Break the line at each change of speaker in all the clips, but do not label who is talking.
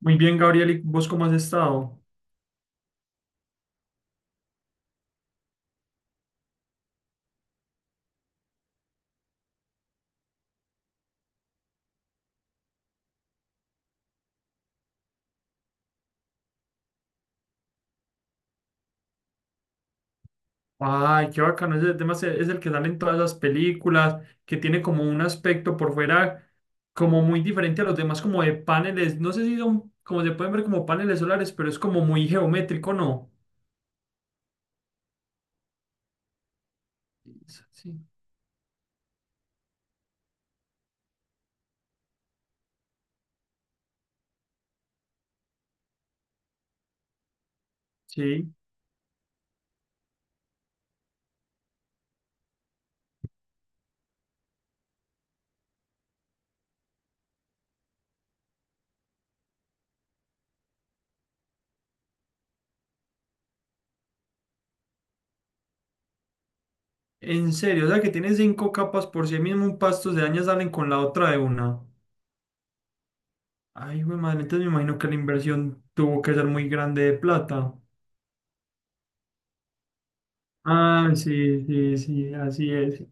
Muy bien, Gabriel, ¿y vos cómo has estado? Ay, qué bacano, es el que sale en todas las películas, que tiene como un aspecto por fuera como muy diferente a los demás, como de paneles, no sé si son, como se pueden ver como paneles solares, pero es como muy geométrico, ¿no? Sí. Sí, en serio, o sea que tiene 5 capas por sí mismo, un pasto de daña salen con la otra de una. Ay, güey, madre, entonces me imagino que la inversión tuvo que ser muy grande de plata. Ah, sí, sí, sí, así es.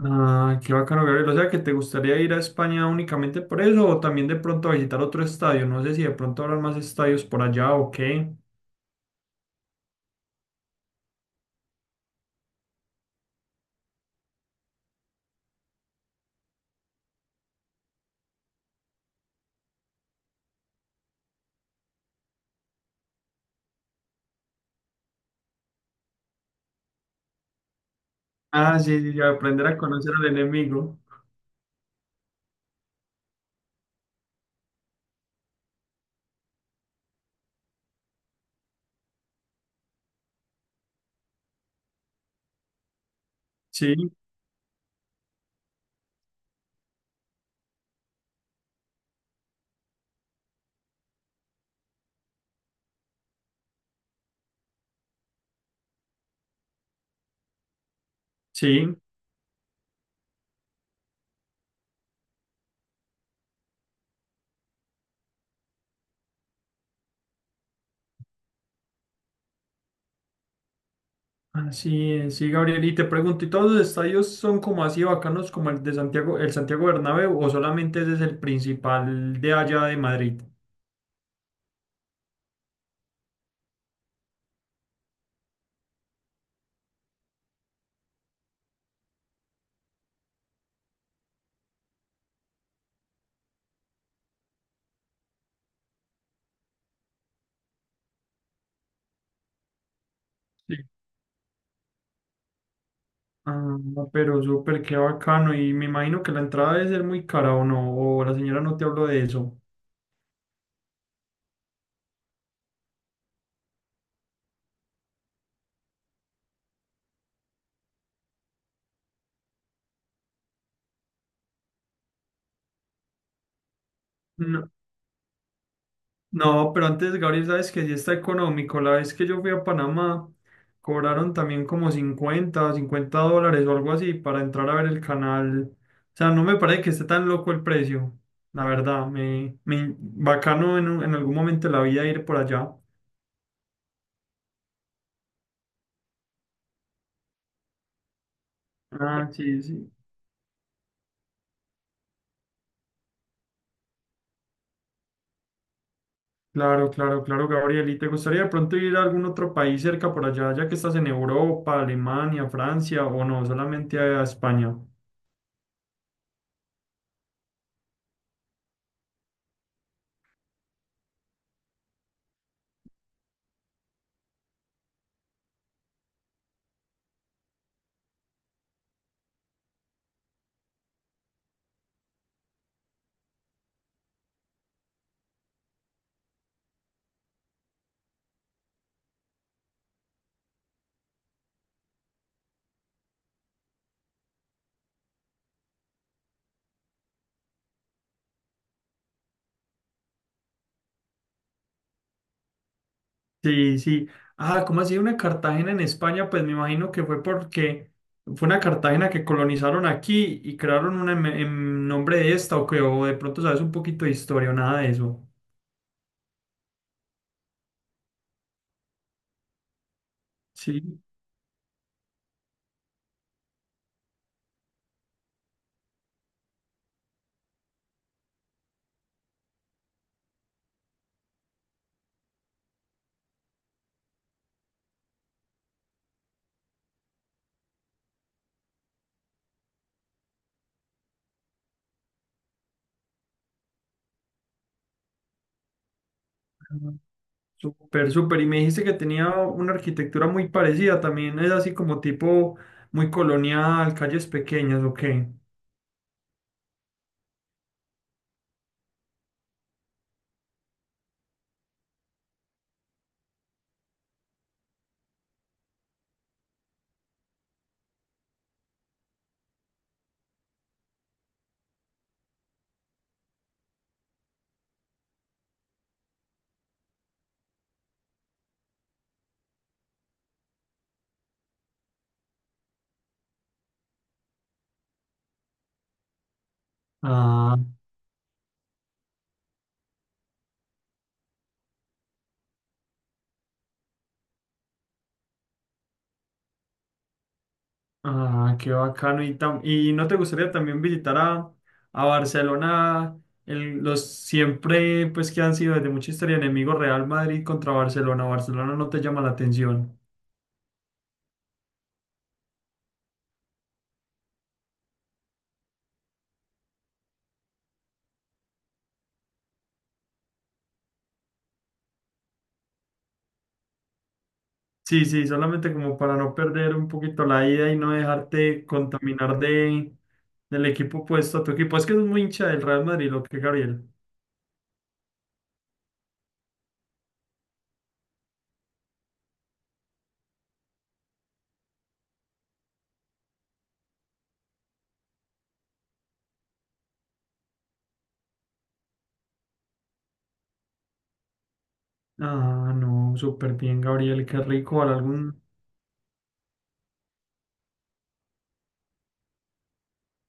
Ah, qué bacano, Gabriel. O sea, que te gustaría ir a España únicamente por eso o también de pronto a visitar otro estadio. No sé si de pronto habrán más estadios por allá o qué. Ah, sí, sí, ya aprender a conocer al enemigo. Sí, sí. Así es, sí, Gabriel. Y te pregunto, ¿y todos los estadios son como así bacanos como el de Santiago, el Santiago Bernabéu o solamente ese es el principal de allá de Madrid? Sí. Ah, pero súper, qué bacano. Y me imagino que la entrada debe ser muy cara o no, o la señora no te habló de eso. No. No, pero antes, Gabriel, sabes que sí está económico. La vez que yo fui a Panamá, cobraron también como 50, $50 o algo así para entrar a ver el canal. O sea, no me parece que esté tan loco el precio. La verdad, me bacano en algún momento de la vida ir por allá. Ah, sí, sí. Claro, claro, claro, Gabriel. ¿Y te gustaría de pronto ir a algún otro país cerca por allá, ya que estás en Europa, Alemania, Francia o no, solamente a España? Sí, sí. Ah, ¿cómo así una Cartagena en España? Pues me imagino que fue porque fue una Cartagena que colonizaron aquí y crearon una en nombre de esta o que o de pronto sabes un poquito de historia o nada de eso. Sí, ah, súper, súper. Y me dijiste que tenía una arquitectura muy parecida, también es así como tipo muy colonial, calles pequeñas, ¿o qué? Ah. Ah, qué bacano. ¿ Y no te gustaría también visitar a Barcelona, los siempre, pues que han sido desde mucha historia enemigos Real Madrid contra Barcelona? Barcelona no te llama la atención. Sí, sí, solamente como para no perder un poquito la ida y no dejarte contaminar de, del equipo opuesto a tu equipo. Es que es muy hincha del Real Madrid, lo que Gabriel. Ah, no, súper bien, Gabriel, qué rico. Ojalá algún.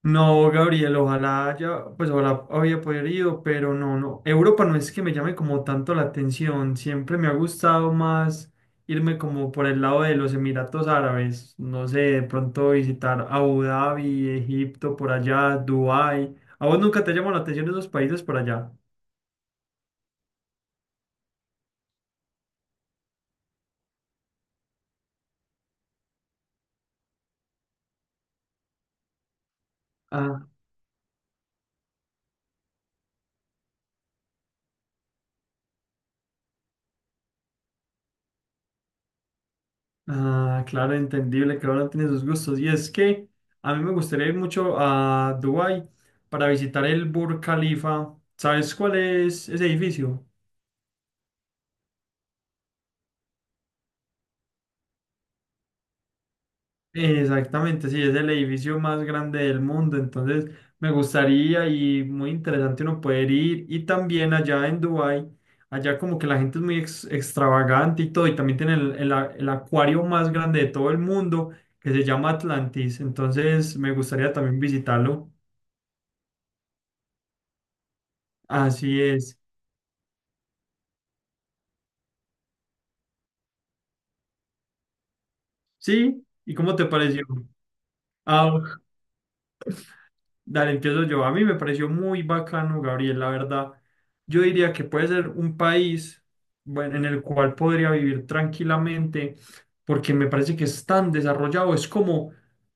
No, Gabriel, ojalá haya, pues ojalá había podido, pero no, no. Europa no es que me llame como tanto la atención. Siempre me ha gustado más irme como por el lado de los Emiratos Árabes. No sé, de pronto visitar Abu Dhabi, Egipto, por allá, Dubái. ¿A vos nunca te llamó la atención esos países por allá? Ah, ah, claro, entendible, que ahora tiene sus gustos. Y es que a mí me gustaría ir mucho a Dubái para visitar el Burj Khalifa. ¿Sabes cuál es ese edificio? Exactamente, sí, es el edificio más grande del mundo, entonces me gustaría y muy interesante uno poder ir y también allá en Dubái, allá como que la gente es muy extravagante y todo, y también tienen el, el acuario más grande de todo el mundo que se llama Atlantis, entonces me gustaría también visitarlo, así es, sí, ¿y cómo te pareció? Ah, ok. Dale, empiezo yo. A mí me pareció muy bacano, Gabriel, la verdad. Yo diría que puede ser un país, bueno, en el cual podría vivir tranquilamente, porque me parece que es tan desarrollado. Es como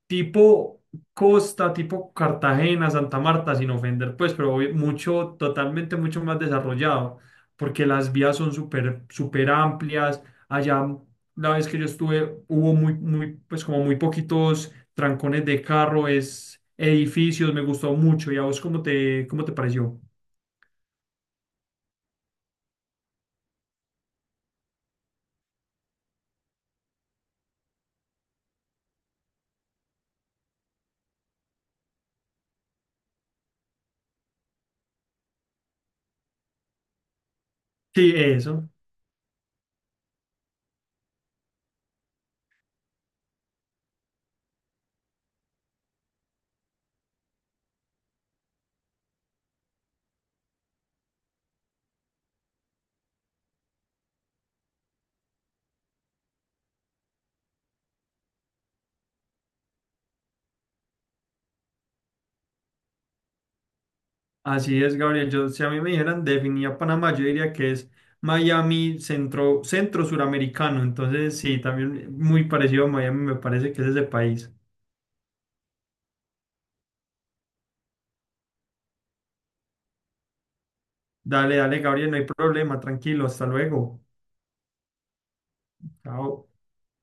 tipo Costa, tipo Cartagena, Santa Marta, sin ofender, pues, pero mucho, totalmente mucho más desarrollado, porque las vías son súper, súper amplias. Allá, la vez que yo estuve, hubo muy, muy, pues, como muy poquitos trancones de carro, es edificios, me gustó mucho. ¿Y a vos cómo te pareció? Sí, eso. Así es, Gabriel. Yo, si a mí me dijeran definía Panamá, yo diría que es Miami centro, centro suramericano. Entonces, sí, también muy parecido a Miami, me parece que es ese país. Dale, dale, Gabriel, no hay problema, tranquilo, hasta luego. Chao.